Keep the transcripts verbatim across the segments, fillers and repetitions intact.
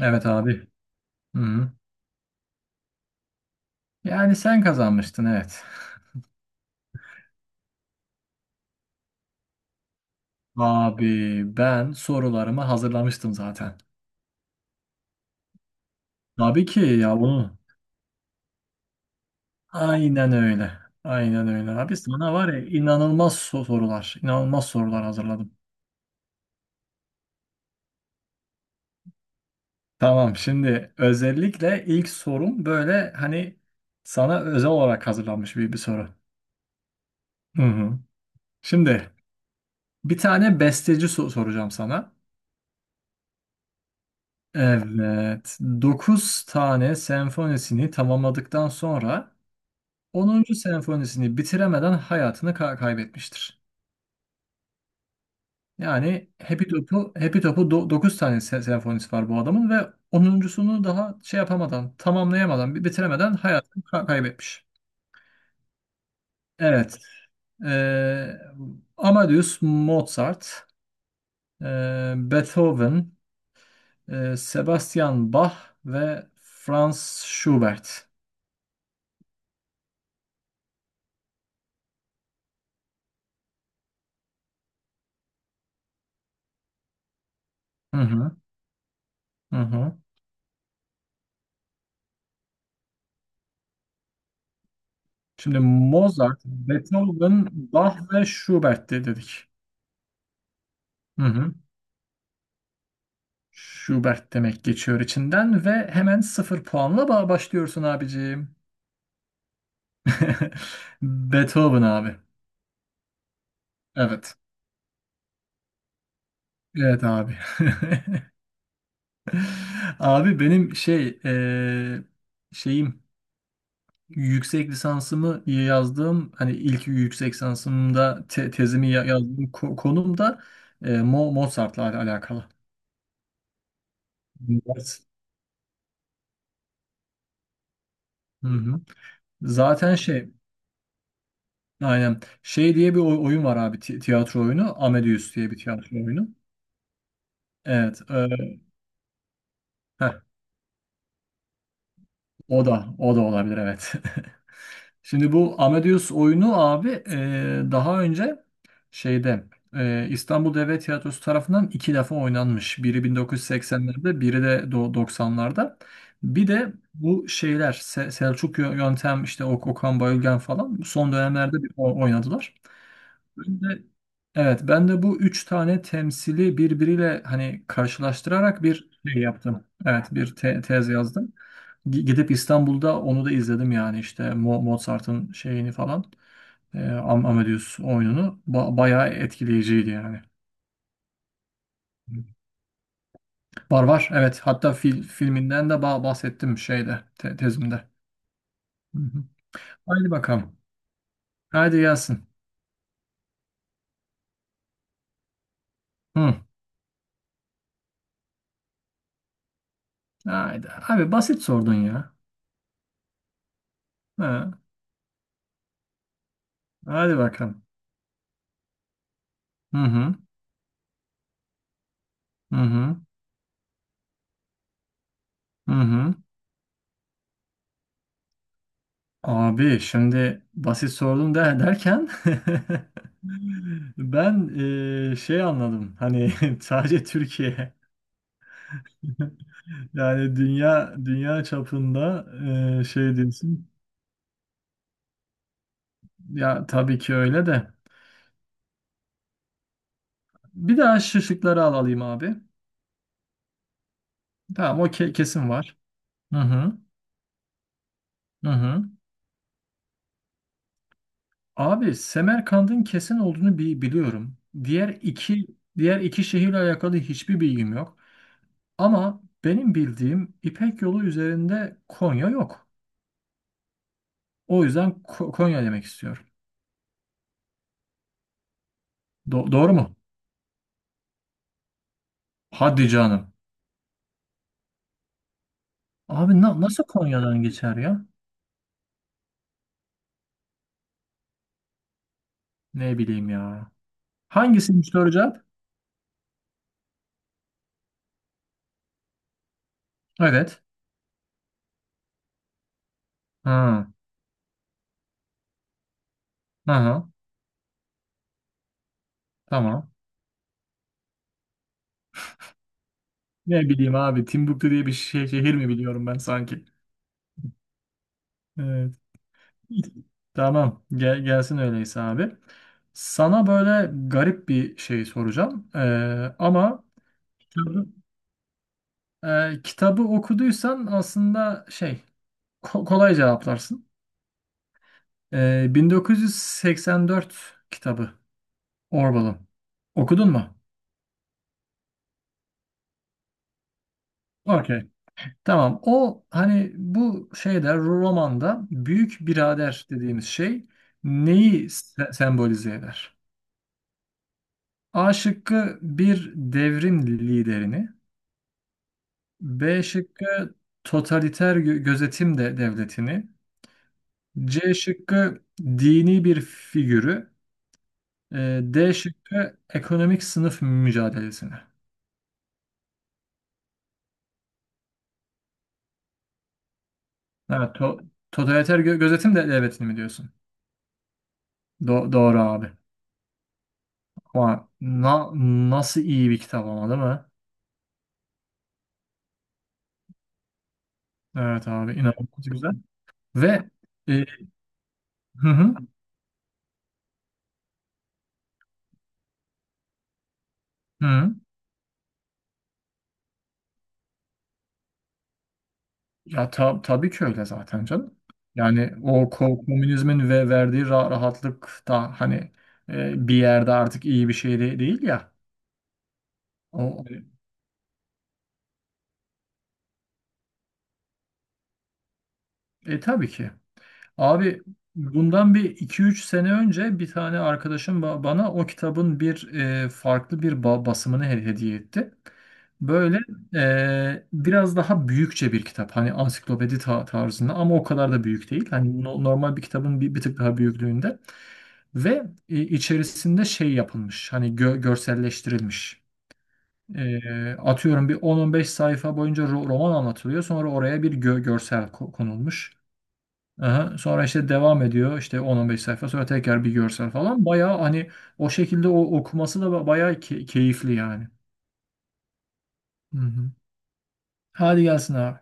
Evet abi. Hı. Hı. Yani sen kazanmıştın evet. Abi ben sorularımı hazırlamıştım zaten. Tabii ki ya bunu. Aynen öyle. Aynen öyle abi. Sana var ya inanılmaz so- sorular. İnanılmaz sorular hazırladım. Tamam, şimdi özellikle ilk sorum böyle hani sana özel olarak hazırlanmış bir, bir soru. Hı hı. Şimdi bir tane besteci so- soracağım sana. Evet. Dokuz tane senfonisini tamamladıktan sonra onuncu senfonisini bitiremeden hayatını ka- kaybetmiştir. Yani Happy Top'u Happy Top'u dokuz tane se- senfonisi var bu adamın ve onuncusunu daha şey yapamadan, tamamlayamadan, bi- bitiremeden hayatını ka- kaybetmiş. Evet. eee, Amadeus Mozart, eee, Beethoven, eee, Sebastian Bach ve Franz Schubert. Hı hı, hı hı. Şimdi Mozart, Beethoven, Bach ve Schubert de- dedik. Hı hı. Schubert demek geçiyor içinden ve hemen sıfır puanla ba- başlıyorsun abicim. Beethoven abi. Evet. Evet abi. Abi benim şey eee, şeyim, yüksek lisansımı yazdığım, hani ilk yüksek lisansımda te- tezimi ya- yazdığım ko- konum da eee, Mo- Mozart'la al- alakalı. Mozart. Hı hı. Zaten şey, aynen, şey diye bir oy- oyun var abi, ti- tiyatro oyunu, Amadeus diye bir tiyatro oyunu. Evet, e, heh, o da o da olabilir evet. Şimdi bu Amadeus oyunu abi, e, daha önce şeyde, e, İstanbul Devlet Tiyatrosu tarafından iki defa oynanmış. Biri bin dokuz yüz seksenlerde, biri de do- doksanlarda. Bir de bu şeyler Se- Selçuk Yö- Yöntem, işte Ok- Okan Bayülgen falan, son dönemlerde bir o- oynadılar. Ben de- evet, ben de bu üç tane temsili birbiriyle hani karşılaştırarak bir şey yaptım. Evet, bir te- tez yazdım. Gi- Gidip İstanbul'da onu da izledim yani, işte Mo- Mozart'ın şeyini falan. E, Am- Amadeus oyununu. Ba- bayağı etkileyiciydi yani. Var var evet, hatta fil, filminden de ba- bahsettim şeyde, te- tezimde. Hı hı. Haydi bakalım. Haydi gelsin. Hı. Haydi. Abi basit sordun ya. Ha. Haydi bakalım. Hı hı. Hı hı. Hı hı. Abi şimdi basit sordum de, derken, ben, eee, şey anladım hani, sadece Türkiye, yani dünya dünya çapında, eee, şey diyorsun. Ya tabii ki öyle de, bir daha şu şıkları al alayım abi. Tamam, o ke- kesin var. Hı hı, hı hı. Abi, Semerkand'ın kesin olduğunu bi- biliyorum. Diğer iki diğer iki şehirle alakalı hiçbir bilgim yok. Ama benim bildiğim, İpek Yolu üzerinde Konya yok. O yüzden Ko- Konya demek istiyorum. Do- doğru mu? Hadi canım. Abi na- nasıl Konya'dan geçer ya? Ne bileyim ya. Hangisini soru. Evet. Ha. Aha. Tamam. Ne bileyim abi. Timbuktu diye bir şey, şehir mi biliyorum ben sanki? Evet. Tamam. Gel, gelsin öyleyse abi. Sana böyle garip bir şey soracağım. Ee, ama, Ee, kitabı okuduysan aslında şey ko- kolay cevaplarsın. Ee, bin dokuz yüz seksen dört kitabı, Orwell'ın. Okudun mu? Okey. Tamam. O hani, bu şeyde, romanda büyük birader dediğimiz şey neyi se- sembolize eder? A şıkkı: bir devrim liderini, B şıkkı: totaliter gö- gözetim de devletini, C şıkkı: dini bir figürü, Ee, D şıkkı: ekonomik sınıf mücadelesini. Evet, to totaliter gö- gözetim de devletini mi diyorsun? Do- doğru abi. Ama na- nasıl iyi bir kitap ama, değil mi? Evet abi, inanılmaz güzel. Ve e, hı hı, hı. Ya ta- tabii ki öyle zaten canım. Yani o ko- komünizmin ve verdiği ra- rahatlık da hani, e, bir yerde artık iyi bir şey de- değil ya. O, e tabii ki. Abi bundan bir iki üç sene önce bir tane arkadaşım ba- bana o kitabın bir e, farklı bir ba- basımını he- hediye etti. Böyle e, biraz daha büyükçe bir kitap. Hani ansiklopedi ta- tarzında, ama o kadar da büyük değil. Hani no- normal bir kitabın bir, bir tık daha büyüklüğünde. Ve e, içerisinde şey yapılmış. Hani gö- görselleştirilmiş. E, atıyorum, bir on on beş sayfa boyunca ro- roman anlatılıyor. Sonra oraya bir gö- görsel ko- konulmuş. Aha, sonra işte devam ediyor, işte on on beş sayfa sonra tekrar bir görsel falan. Bayağı hani, o şekilde o okuması da ba- bayağı key- keyifli yani. Hı hı. Hadi gelsin abi.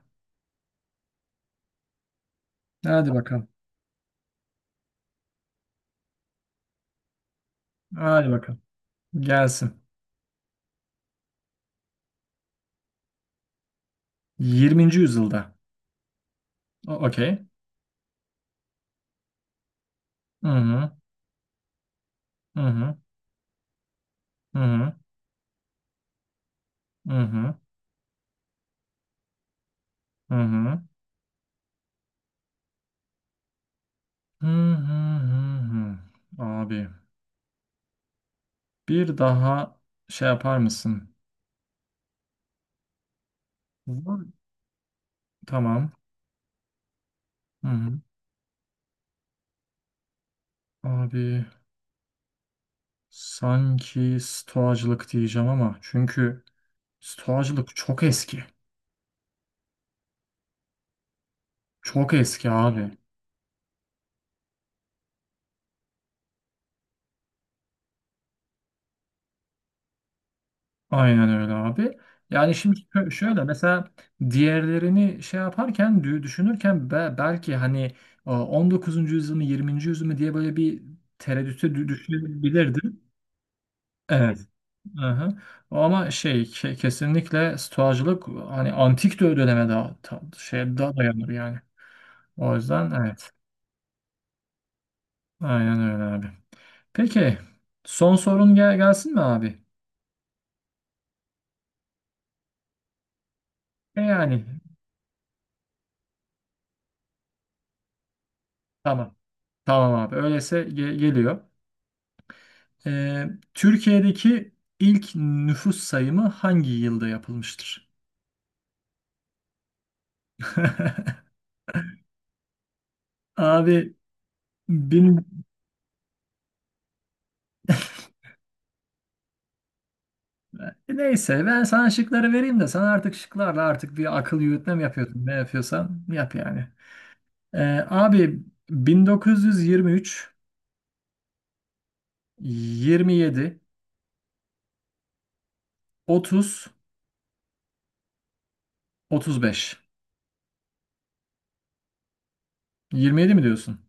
Hadi bakalım. Hadi bakalım. Gelsin. yirminci yüzyılda. O- Okey. Hı hı. Hı hı. Hı hı. Hı hı. Hı hı. Hı hı hı hı. Abi, bir daha şey yapar mısın? Bu- Tamam. Hı hı. Abi sanki stoğacılık diyeceğim ama, çünkü stoğacılık çok eski. Çok eski abi. Aynen öyle abi. Yani şimdi şö- şöyle, mesela diğerlerini şey yaparken dü- düşünürken, be- belki hani, e, on dokuzuncu yüzyıl mı, yirminci yüzyıl mı diye böyle bir tereddüte dü- düşünebilirdim. Evet. Aha. Ama şey, ke- kesinlikle stoğacılık hani antik dö- döneme daha ta- şey daha dayanır yani. O yüzden evet. Aynen öyle abi. Peki, son sorun gel gelsin mi abi? E yani tamam. Tamam abi. Öyleyse ge- geliyor. Ee, Türkiye'deki ilk nüfus sayımı hangi yılda yapılmıştır? Abi bin... neyse, ben sana şıkları vereyim de sen artık şıklarla artık bir akıl yürütme mi yapıyorsun? Ne yapıyorsan yap yani. Ee, abi: bin dokuz yüz yirmi üç, yirmi yedi, otuz, otuz beş. yirmi yedi mi diyorsun?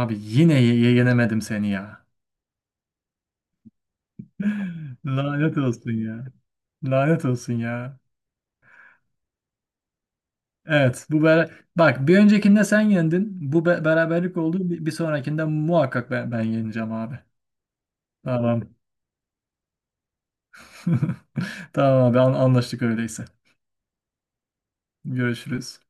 Abi yine ye- yenemedim seni ya. Lanet olsun ya. Lanet olsun ya. Evet, bu bera- bak, bir öncekinde sen yendin. Bu be- beraberlik oldu. Bir, bir sonrakinde muhakkak ben, ben yeneceğim abi. Tamam. Tamam abi, an- anlaştık öyleyse. Görüşürüz.